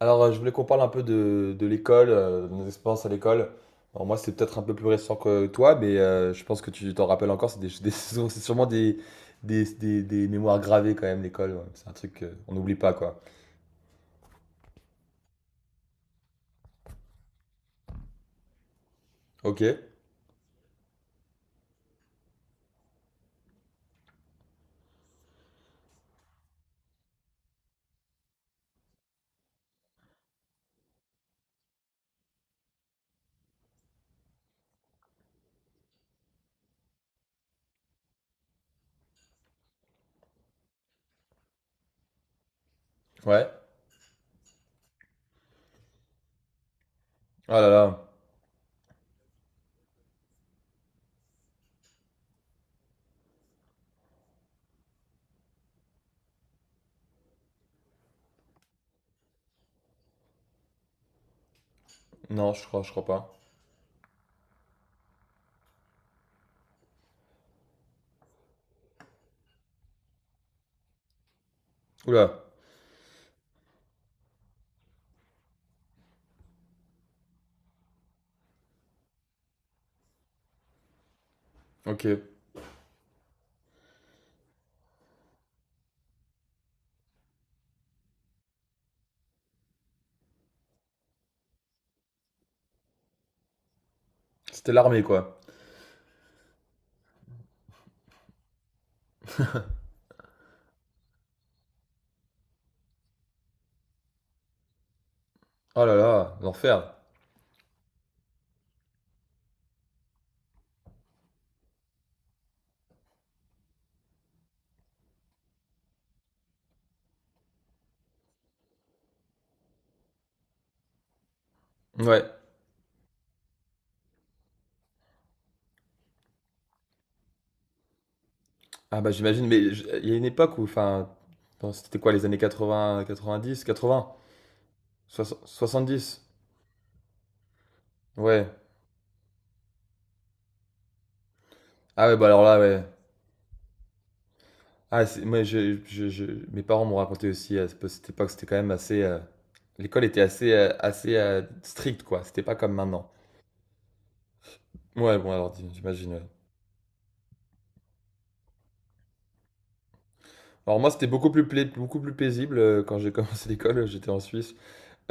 Alors, je voulais qu'on parle un peu de l'école, de nos expériences à l'école. Alors, moi, c'est peut-être un peu plus récent que toi, mais je pense que tu t'en rappelles encore. C'est c'est sûrement des mémoires gravées quand même, l'école. Ouais. C'est un truc qu'on n'oublie pas, quoi. Ok, ouais. Oh là là. Non, je crois pas. Oula, ok. C'était l'armée, quoi. Oh là là, l'enfer. Ouais. Ah bah j'imagine, mais il y a une époque où, enfin, bon, c'était quoi, les années 80, 90, 80, 70. Ouais. Ah ouais, bah alors là, ouais. Ah, moi, mes parents m'ont raconté aussi à cette époque, c'était quand même assez. L'école était assez, assez stricte, quoi. C'était pas comme maintenant. Ouais, bon, alors j'imagine. Ouais. Alors moi, c'était beaucoup plus paisible, quand j'ai commencé l'école. J'étais en Suisse.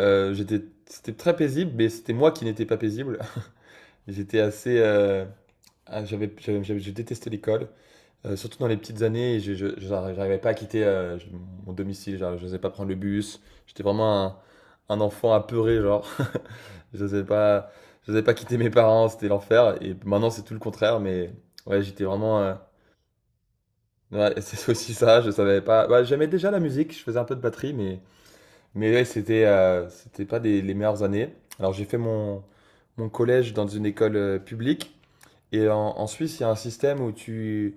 C'était très paisible, mais c'était moi qui n'étais pas paisible. J'étais assez. Je détestais l'école. Surtout dans les petites années, je j'arri j'arrivais pas à quitter, je mon domicile, genre j'osais pas prendre le bus. J'étais vraiment un enfant apeuré genre. Je J'osais pas je j'osais pas quitter mes parents, c'était l'enfer et maintenant c'est tout le contraire mais ouais, j'étais vraiment. Ouais, c'est aussi ça, je savais pas. Bah, j'aimais déjà la musique, je faisais un peu de batterie mais ouais, c'était pas des les meilleures années. Alors j'ai fait mon collège dans une école, publique et en Suisse, il y a un système où tu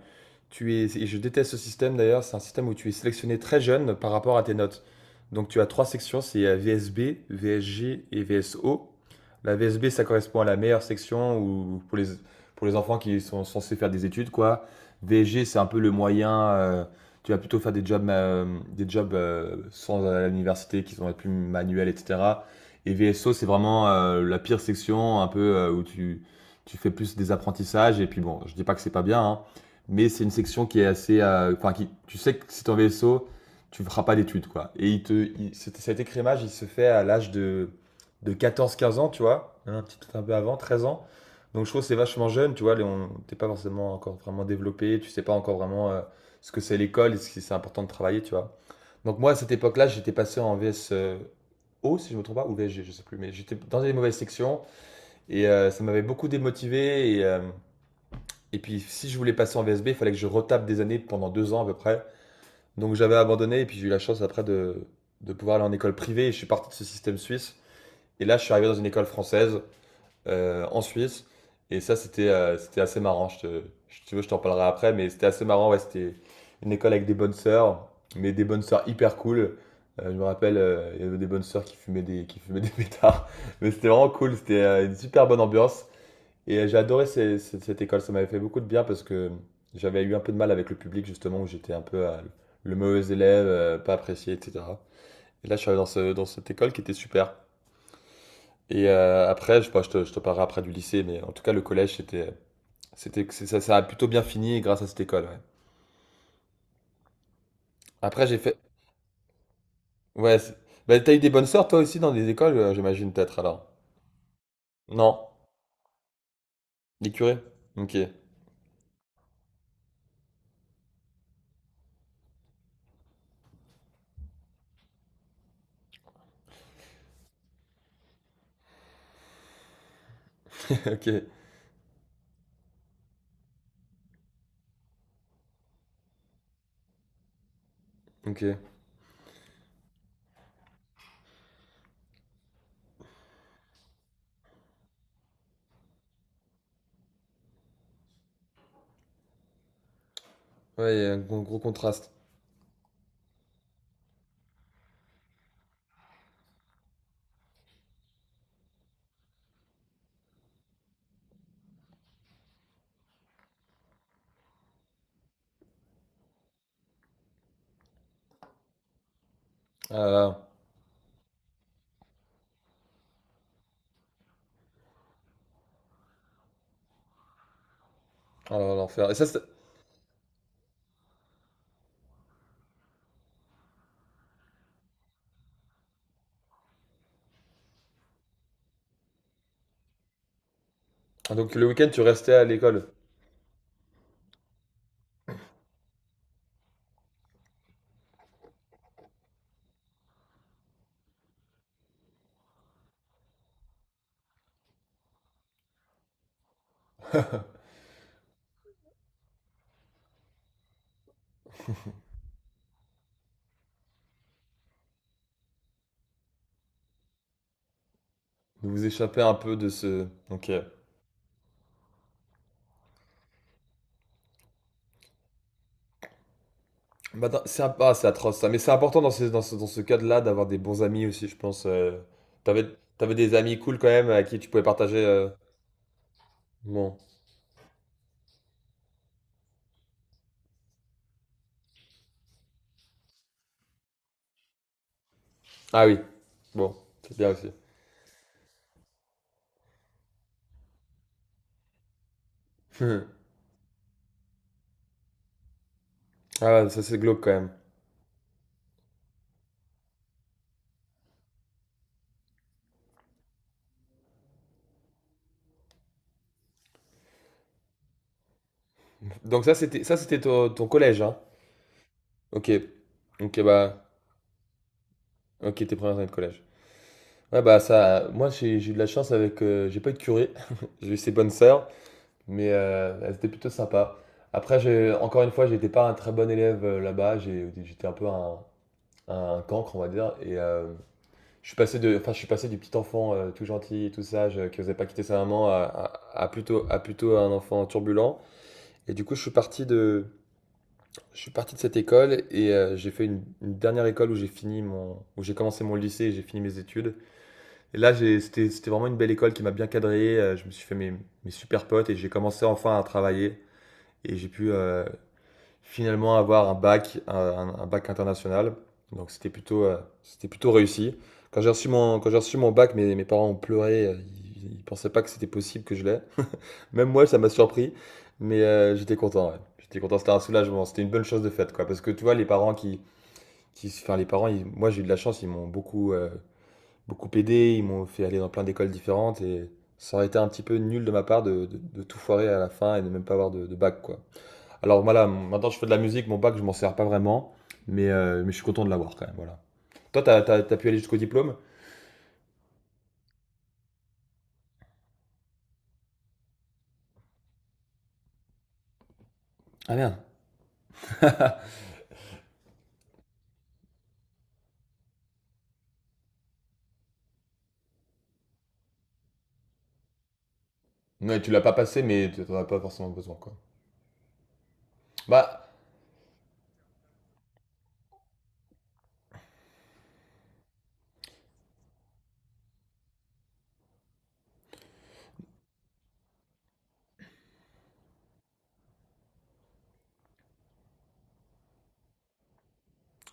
tu es, et je déteste ce système d'ailleurs, c'est un système où tu es sélectionné très jeune par rapport à tes notes. Donc tu as trois sections, c'est VSB, VSG et VSO. La VSB, ça correspond à la meilleure section où, pour les enfants qui sont censés faire des études, quoi. VSG, c'est un peu le moyen, tu vas plutôt faire des jobs sans à l'université qui sont plus manuels, etc. Et VSO, c'est vraiment la pire section, un peu, où tu fais plus des apprentissages. Et puis bon, je dis pas que c'est pas bien, hein, mais c'est une section qui est assez. Enfin, tu sais que c'est ton vaisseau, tu ne feras pas d'études, quoi. Et cet écrémage, il se fait à l'âge de 14-15 ans, tu vois, hein, un petit peut-être un peu avant, 13 ans. Donc je trouve que c'est vachement jeune, tu vois, t'es pas forcément encore vraiment développé, tu sais pas encore vraiment ce que c'est l'école et si c'est important de travailler, tu vois. Donc moi, à cette époque-là, j'étais passé en VS. O, si je me trompe pas, ou VSG, je sais plus, mais j'étais dans des mauvaises sections et ça m'avait beaucoup démotivé et puis, si je voulais passer en VSB, il fallait que je retape des années pendant 2 ans à peu près. Donc, j'avais abandonné et puis j'ai eu la chance après de pouvoir aller en école privée et je suis parti de ce système suisse. Et là, je suis arrivé dans une école française, en Suisse. Et ça, c'était assez marrant. Si tu veux, je t'en parlerai après, mais c'était assez marrant. Ouais, c'était une école avec des bonnes sœurs, mais des bonnes sœurs hyper cool. Je me rappelle, il y avait des bonnes sœurs qui fumaient des pétards. Mais c'était vraiment cool. C'était une super bonne ambiance. Et j'ai adoré cette école, ça m'avait fait beaucoup de bien parce que j'avais eu un peu de mal avec le public justement, où j'étais un peu le mauvais élève, pas apprécié, etc. Et là, je suis allé dans cette école qui était super. Et après, bon, je te parlerai après du lycée, mais en tout cas, le collège, ça a plutôt bien fini grâce à cette école. Ouais. Après, j'ai fait. Ouais, bah, t'as eu des bonnes sœurs toi aussi dans des écoles, j'imagine peut-être alors. Non? Les curés? Ok. Ok. Ok. Ouais, il y a un gros, gros contraste. Ah là là. Ah là là, l'enfer. Et ça, ah, donc le week-end, tu restais à l'école. Vous vous échappez un peu de ce. Ok. Bah, ah, c'est atroce ça, mais c'est important dans ce cadre-là d'avoir des bons amis aussi, je pense. T'avais, t'avais des amis cool quand même à qui tu pouvais partager. Bon. Ah oui. Bon, c'est bien aussi. Hmm. Ah ouais, ça c'est glauque quand même. Donc ça c'était ton collège, hein. Ok. Ok bah. Ok, tes premières années de collège. Ouais bah ça. Moi j'ai eu de la chance avec. J'ai pas eu de curé. J'ai eu ses bonnes sœurs. Mais elles étaient plutôt sympas. Après, encore une fois, j'étais pas un très bon élève là-bas. J'étais un peu un cancre, on va dire. Et je suis passé de, enfin, je suis passé du petit enfant tout gentil, et tout sage, qui osait pas quitter sa maman, à plutôt un enfant turbulent. Et du coup, je suis parti de cette école et j'ai fait une dernière école où j'ai commencé mon lycée et j'ai fini mes études. Et là, c'était vraiment une belle école qui m'a bien cadré. Je me suis fait mes super potes et j'ai commencé enfin à travailler. Et j'ai pu finalement avoir un bac, un bac international. Donc c'était plutôt réussi. Quand j'ai reçu mon bac, mes parents ont pleuré. Ils pensaient pas que c'était possible que je l'aie. Même moi, ça m'a surpris. Mais j'étais content. Ouais. J'étais content. C'était un soulagement. C'était une bonne chose de faite, quoi. Parce que tu vois, les parents qui, enfin, moi, j'ai eu de la chance. Ils m'ont beaucoup aidé. Ils m'ont fait aller dans plein d'écoles différentes et ça aurait été un petit peu nul de ma part de tout foirer à la fin et de même pas avoir de bac, quoi. Alors voilà, maintenant je fais de la musique, mon bac, je m'en sers pas vraiment, mais je suis content de l'avoir quand même. Voilà. Toi, t'as pu aller jusqu'au diplôme. Ah merde. Ouais, tu l'as pas passé, mais tu n'en as pas forcément besoin, quoi. Bah,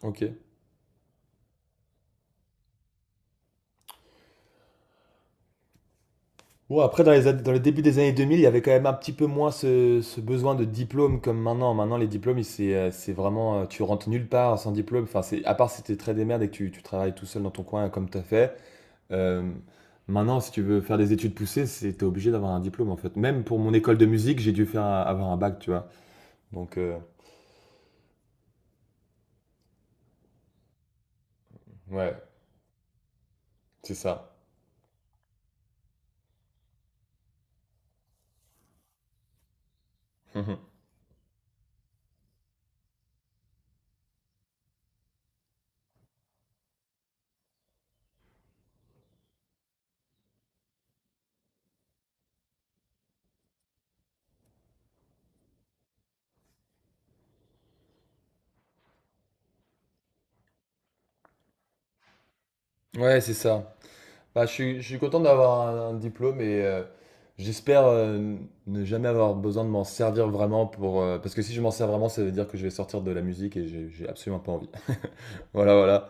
ok. Ouais, après, dans les débuts des années 2000, il y avait quand même un petit peu moins ce besoin de diplôme comme maintenant. Maintenant, les diplômes, c'est vraiment. Tu rentres nulle part sans diplôme. Enfin, à part si t'es très démerde et que tu travailles tout seul dans ton coin comme t'as fait. Euh, Maintenant, si tu veux faire des études poussées, c'est t'es obligé d'avoir un diplôme en fait. Même pour mon école de musique, j'ai dû faire avoir un bac, tu vois. Donc ouais, c'est ça. Mhm. Ouais, c'est ça. Bah, je suis content d'avoir un diplôme et j'espère ne jamais avoir besoin de m'en servir vraiment. Parce que si je m'en sers vraiment, ça veut dire que je vais sortir de la musique et j'ai absolument pas envie. Voilà, voilà.